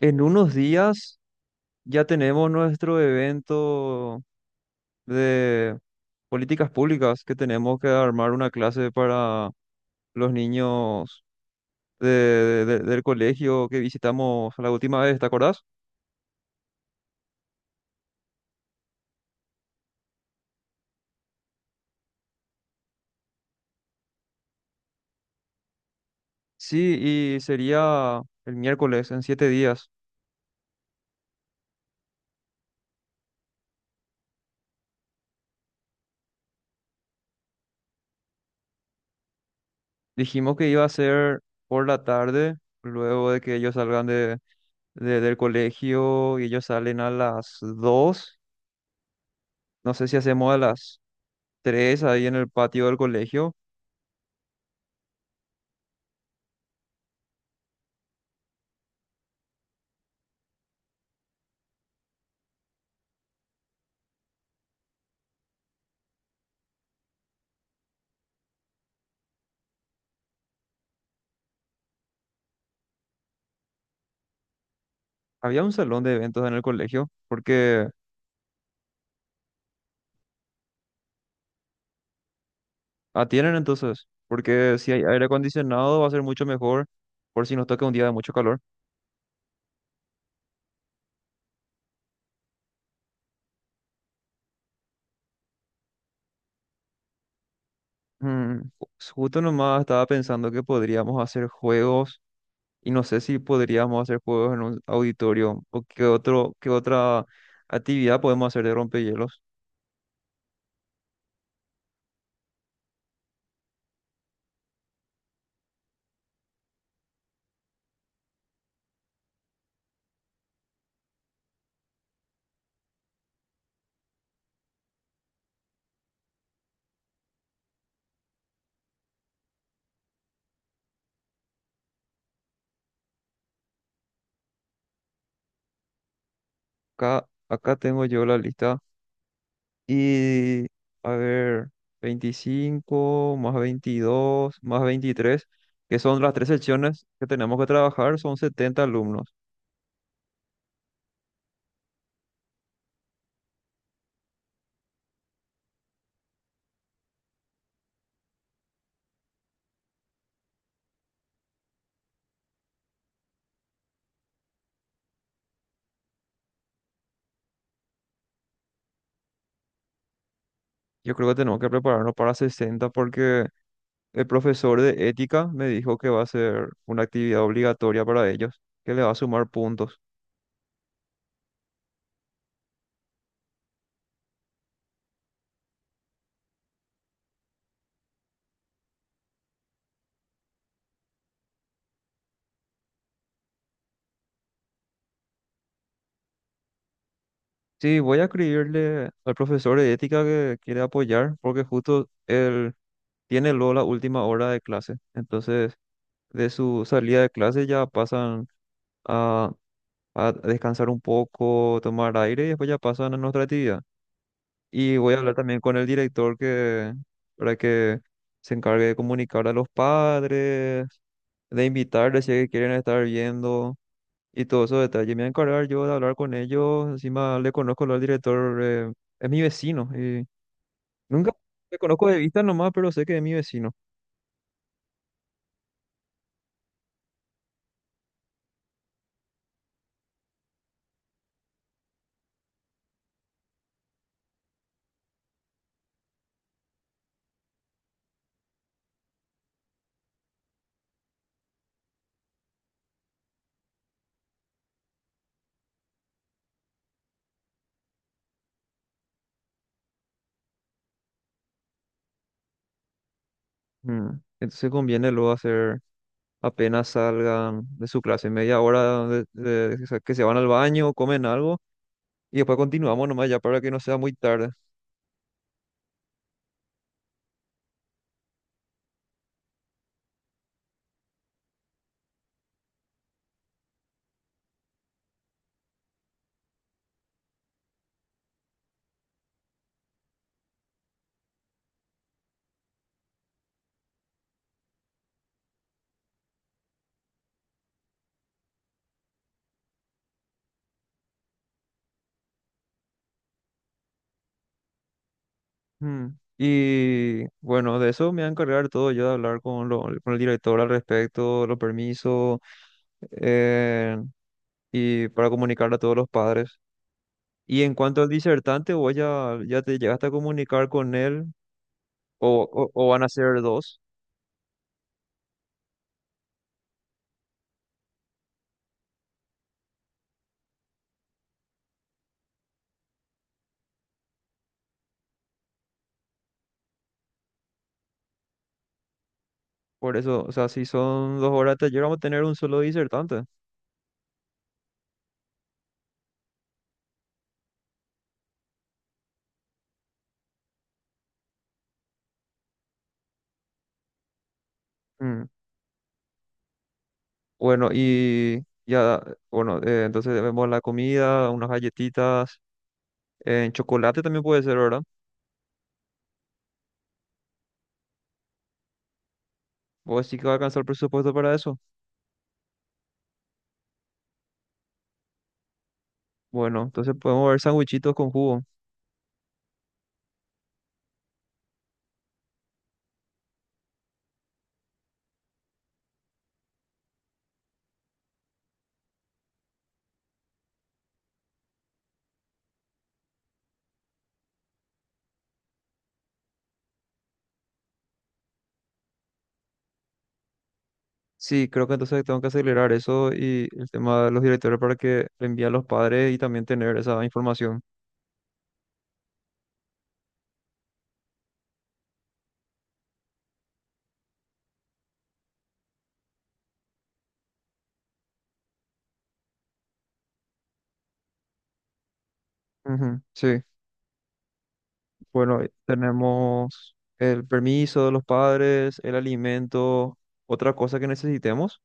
En unos días ya tenemos nuestro evento de políticas públicas que tenemos que armar una clase para los niños del colegio que visitamos la última vez, ¿te acordás? Sí, y sería el miércoles en 7 días. Dijimos que iba a ser por la tarde, luego de que ellos salgan del colegio y ellos salen a las 2. No sé si hacemos a las 3 ahí en el patio del colegio. Había un salón de eventos en el colegio, porque atienden entonces, porque si hay aire acondicionado va a ser mucho mejor por si nos toca un día de mucho calor. Mm, ju- Justo nomás estaba pensando que podríamos hacer juegos y no sé si podríamos hacer juegos en un auditorio o qué otro, qué otra actividad podemos hacer de rompehielos. Acá tengo yo la lista. Y, a ver, 25 más 22 más 23, que son las tres secciones que tenemos que trabajar, son 70 alumnos. Yo creo que tenemos que prepararnos para 60 porque el profesor de ética me dijo que va a ser una actividad obligatoria para ellos, que le va a sumar puntos. Sí, voy a escribirle al profesor de ética que quiere apoyar porque justo él tiene luego la última hora de clase. Entonces, de su salida de clase ya pasan a a descansar un poco, tomar aire y después ya pasan a nuestra actividad. Y voy a hablar también con el director para que se encargue de comunicar a los padres, de invitarles si es que quieren estar viendo y todos esos detalles. Me voy a encargar yo de hablar con ellos. Encima le conozco al director, es mi vecino. Y nunca le conozco de vista nomás, pero sé que es mi vecino. Mm. Entonces conviene luego hacer apenas salgan de su clase, media hora que se van al baño, comen algo. Y después continuamos nomás ya para que no sea muy tarde. Mm. Y bueno, de eso me voy a encargar todo yo de hablar con el director al respecto, los permisos, eh, y para comunicar a todos los padres. Y en cuanto al disertante, vos ya te llegaste a comunicar con él, o van a ser dos. Por eso, o sea, si son 2 horas de taller, vamos a tener un solo disertante. Mm. Bueno, y ya, bueno, entonces vemos la comida, unas galletitas. En chocolate también puede ser, ¿verdad? O sí que va a alcanzar el presupuesto para eso. Bueno, entonces podemos ver sandwichitos con jugo. Sí, creo que entonces tengo que acelerar eso y el tema de los directores para que le envíen a los padres y también tener esa información. Ujú, sí, bueno, tenemos el permiso de los padres, el alimento, otra cosa que necesitemos.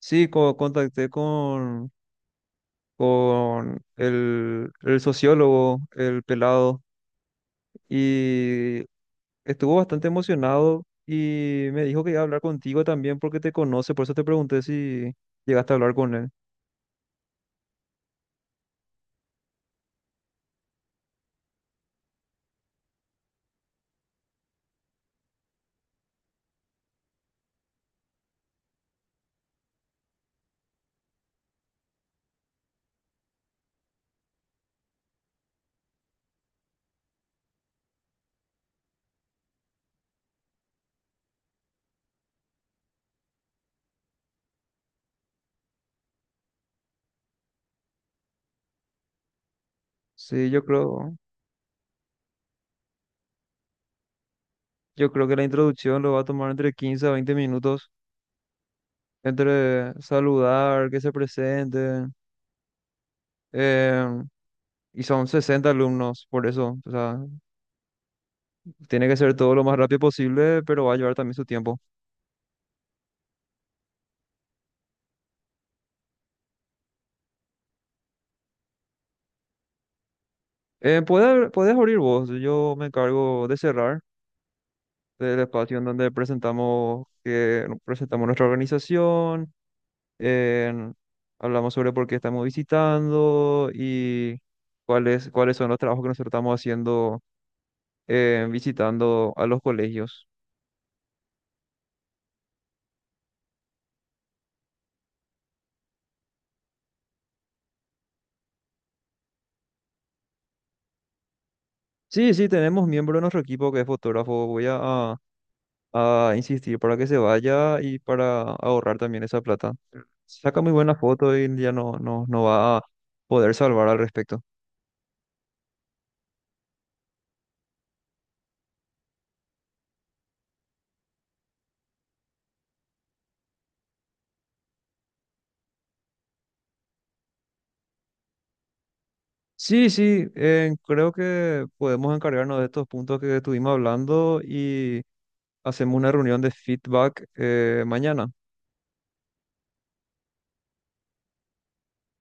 Sí, contacté con el sociólogo, el pelado. Y estuvo bastante emocionado y me dijo que iba a hablar contigo también porque te conoce, por eso te pregunté si llegaste a hablar con él. Sí, yo creo que la introducción lo va a tomar entre 15 a 20 minutos, entre saludar, que se presente, eh, y son 60 alumnos, por eso, o sea, tiene que ser todo lo más rápido posible, pero va a llevar también su tiempo. Puedes abrir vos, yo me encargo de cerrar. Del espacio en donde presentamos, que, no, presentamos nuestra organización, en- hablamos sobre por qué estamos visitando y cuáles son los trabajos que nosotros estamos haciendo, visitando a los colegios. Sí, sí, tenemos miembro de nuestro equipo que es fotógrafo. Voy a insistir para que se vaya y para ahorrar también esa plata. Saca muy buena foto y ya no, no, no va a poder salvar al respecto. Sí, sí, creo que podemos encargarnos de estos puntos que estuvimos hablando y hacemos una reunión de feedback mañana.